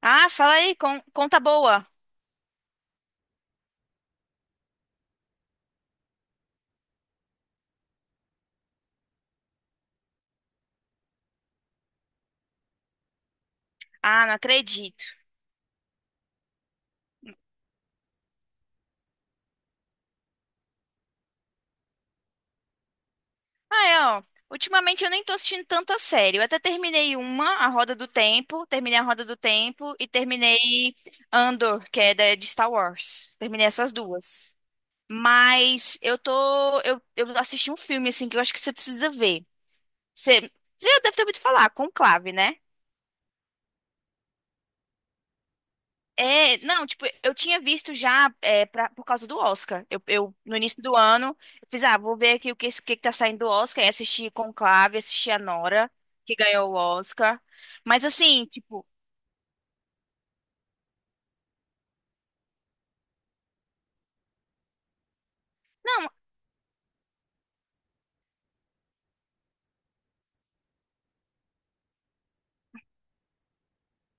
Ah, fala aí, conta boa. Ah, não acredito. Ah, é, ó. Ultimamente eu nem tô assistindo tanta série. Eu até terminei uma, A Roda do Tempo, terminei A Roda do Tempo e terminei Andor, que é de Star Wars. Terminei essas duas. Mas eu tô, eu, assisti um filme assim que eu acho que você precisa ver. Você já deve ter ouvido falar, Conclave, né? É, não, tipo, eu tinha visto já é, por causa do Oscar. Eu, no início do ano, eu fiz, ah, vou ver aqui o que, o que que tá saindo do Oscar. E assisti Conclave, assisti a Nora, que ganhou o Oscar. Mas assim, tipo, não,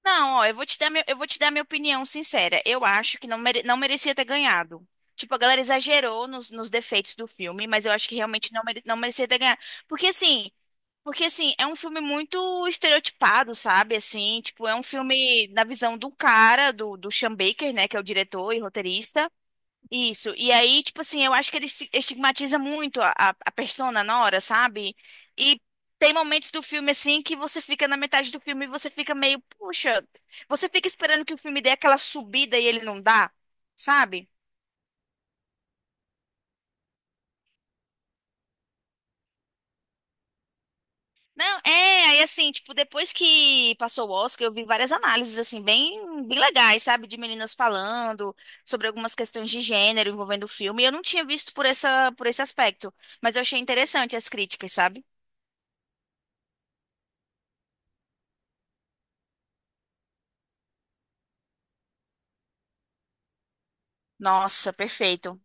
não, ó, eu vou te dar meu, eu vou te dar minha opinião sincera. Eu acho que não, não merecia ter ganhado. Tipo, a galera exagerou nos, nos defeitos do filme, mas eu acho que realmente não, não merecia ter ganhado. Porque assim. Porque, assim, é um filme muito estereotipado, sabe? Assim, tipo, é um filme da visão do cara, do Sean Baker, né? Que é o diretor e roteirista. Isso. E aí, tipo assim, eu acho que ele estigmatiza muito a, a persona na hora, sabe? E tem momentos do filme, assim, que você fica na metade do filme e você fica meio, puxa, você fica esperando que o filme dê aquela subida e ele não dá, sabe? Não, é, aí assim, tipo, depois que passou o Oscar, eu vi várias análises, assim, bem, bem legais, sabe? De meninas falando sobre algumas questões de gênero envolvendo o filme. E eu não tinha visto por essa, por esse aspecto, mas eu achei interessante as críticas, sabe? Nossa, perfeito.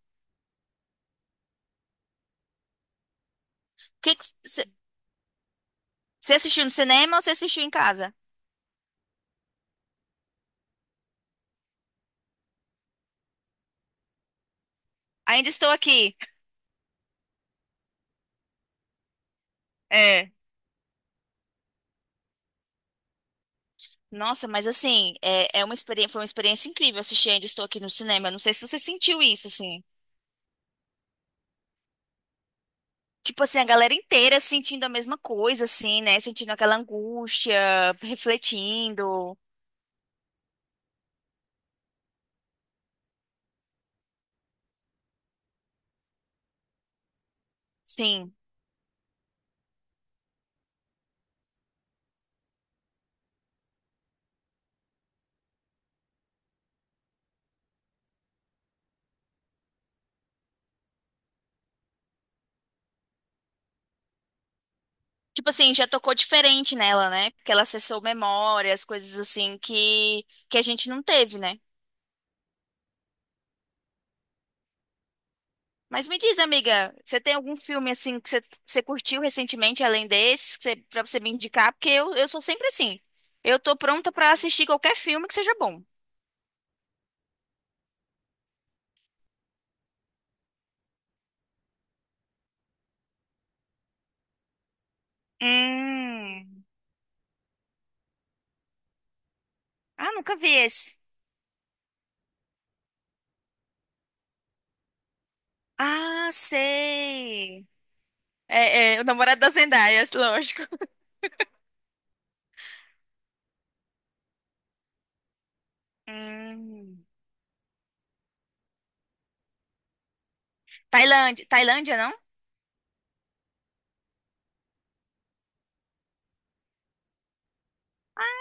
Que que c- Você assistiu no cinema ou você assistiu em casa? Ainda estou aqui. É. Nossa, mas assim, é, é uma experiência, foi uma experiência incrível assistir Ainda Estou Aqui no cinema. Não sei se você sentiu isso, assim. Tipo assim, a galera inteira sentindo a mesma coisa, assim, né? Sentindo aquela angústia, refletindo, sim. Tipo assim, já tocou diferente nela, né? Porque ela acessou memórias, coisas assim que a gente não teve, né? Mas me diz, amiga, você tem algum filme assim que você, você curtiu recentemente, além desses, que você, pra você me indicar? Porque eu sou sempre assim. Eu tô pronta pra assistir qualquer filme que seja bom. Hum. Ah, nunca vi esse. Ah, sei. É, é, o namorado da Zendaya, lógico. Hum. Tailândia, Tailândia, não? Eu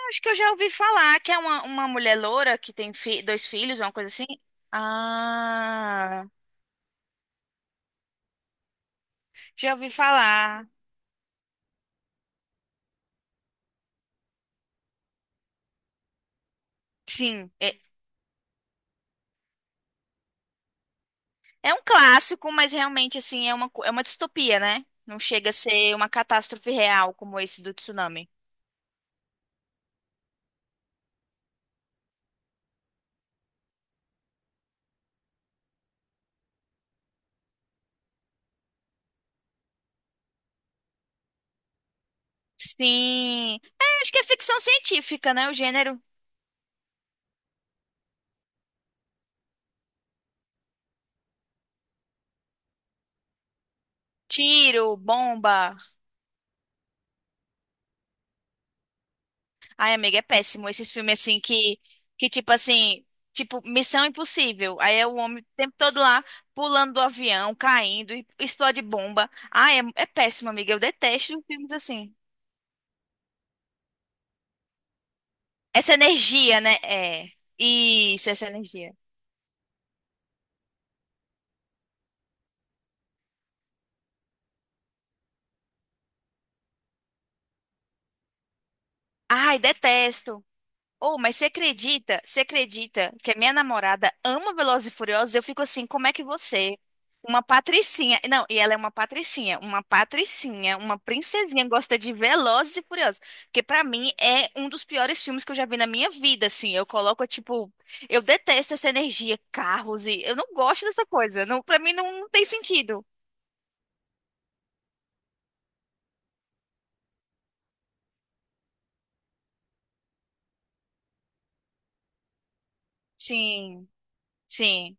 acho que eu já ouvi falar que é uma mulher loura que tem dois filhos, uma coisa assim. Ah, já ouvi falar. Sim, é, é um clássico, mas realmente assim é uma, é uma distopia, né? Não chega a ser uma catástrofe real como esse do tsunami. Sim, é, acho que é ficção científica, né? O gênero tiro, bomba. Ai, amiga, é péssimo. Esses filmes assim que tipo assim, tipo Missão Impossível. Aí é o homem o tempo todo lá pulando do avião, caindo, e explode bomba. Ai, é, é péssimo, amiga. Eu detesto filmes assim. Essa energia, né? É. Isso, essa energia. Ai, detesto. Ou mas você acredita? Você acredita que a minha namorada ama Velozes e Furiosos? Eu fico assim, como é que você, uma patricinha, não, e ela é uma patricinha, uma patricinha, uma princesinha gosta de Velozes e Furiosos, que pra mim é um dos piores filmes que eu já vi na minha vida, assim. Eu coloco tipo, eu detesto essa energia, carros e eu não gosto dessa coisa. Não, para mim não tem sentido. Sim, sim.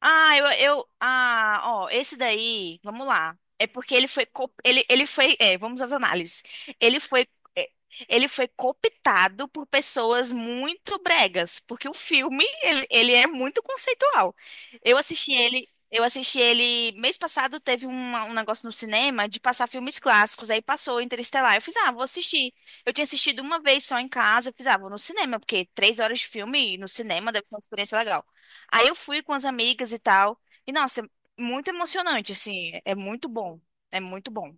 Ah, eu, ah, ó, esse daí, vamos lá. É porque ele foi, ele, ele foi, é, vamos às análises. Ele foi, é, ele foi cooptado por pessoas muito bregas, porque o filme, ele é muito conceitual. Eu assisti ele, mês passado teve um negócio no cinema de passar filmes clássicos, aí passou Interestelar. Eu fiz, ah, vou assistir. Eu tinha assistido uma vez só em casa, eu fiz, ah, vou no cinema, porque 3 horas de filme no cinema deve ser uma experiência legal. Aí eu fui com as amigas e tal. E, nossa, é muito emocionante, assim. É muito bom. É muito bom.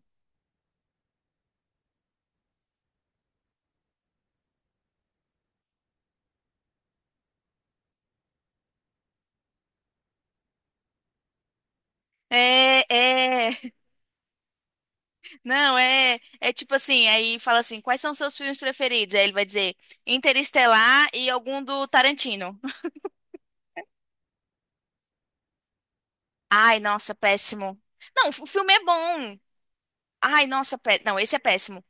É, é. Não, é. É tipo assim, aí fala assim, quais são os seus filmes preferidos? Aí ele vai dizer Interestelar e algum do Tarantino. Ai, nossa, péssimo. Não, o filme é bom. Ai, nossa, pé... não, esse é péssimo.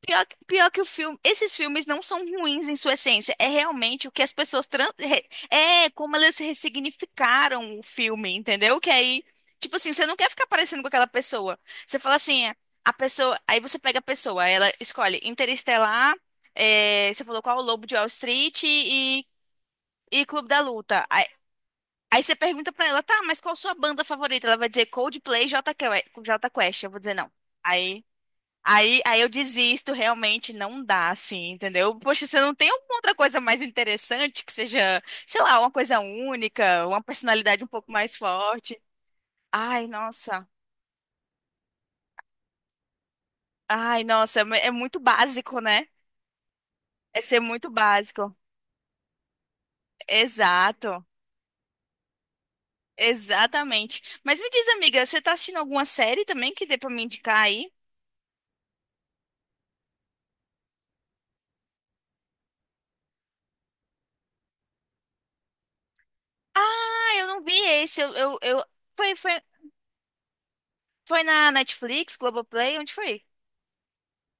Pior que o filme, esses filmes não são ruins em sua essência, é realmente o que as pessoas é como elas ressignificaram o filme, entendeu? Que aí, tipo assim, você não quer ficar parecendo com aquela pessoa. Você fala assim, é, a pessoa, aí você pega a pessoa, ela escolhe Interestelar, é, você falou qual o Lobo de Wall Street e Clube da Luta. Aí, aí você pergunta pra ela, tá, mas qual sua banda favorita? Ela vai dizer Coldplay, Jota Quest. Eu vou dizer não. Aí Aí, aí eu desisto, realmente não dá, assim, entendeu? Poxa, você não tem alguma outra coisa mais interessante que seja, sei lá, uma coisa única, uma personalidade um pouco mais forte. Ai, nossa. Ai, nossa, é é muito básico, né? É ser muito básico. Exato. Exatamente. Mas me diz, amiga, você tá assistindo alguma série também que dê pra me indicar aí? Ah, eu não vi esse. Eu, eu... Foi, foi, foi na Netflix, Globoplay? Onde foi?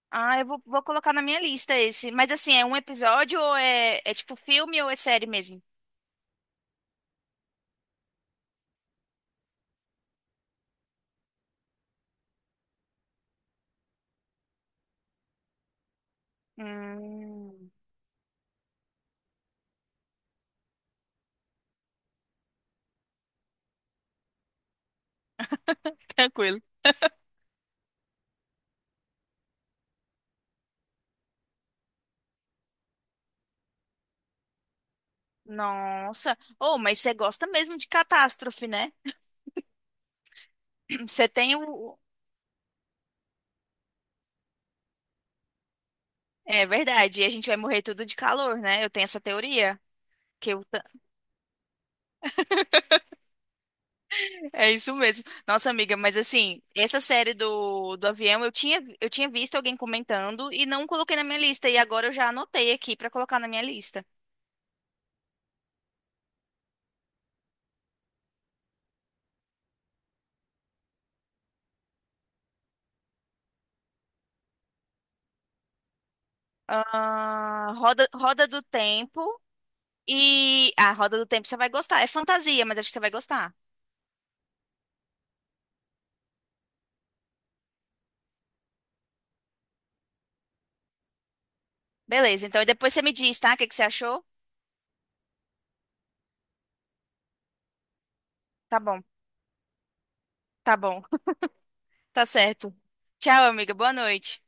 Ah, eu vou, vou colocar na minha lista esse. Mas assim, é um episódio ou é, é tipo filme ou é série mesmo? Hum. Tranquilo. Nossa. Oh, mas você gosta mesmo de catástrofe, né? Você tem o. É verdade, e a gente vai morrer tudo de calor, né? Eu tenho essa teoria. Que eu... ta- É isso mesmo. Nossa, amiga, mas assim, essa série do, do avião, eu tinha visto alguém comentando e não coloquei na minha lista. E agora eu já anotei aqui pra colocar na minha lista. Ah, Roda, Roda do Tempo. E a Roda do Tempo você vai gostar. É fantasia, mas acho que você vai gostar. Beleza, então e depois você me diz, tá? O que que você achou? Tá bom, tá bom. Tá certo. Tchau, amiga. Boa noite.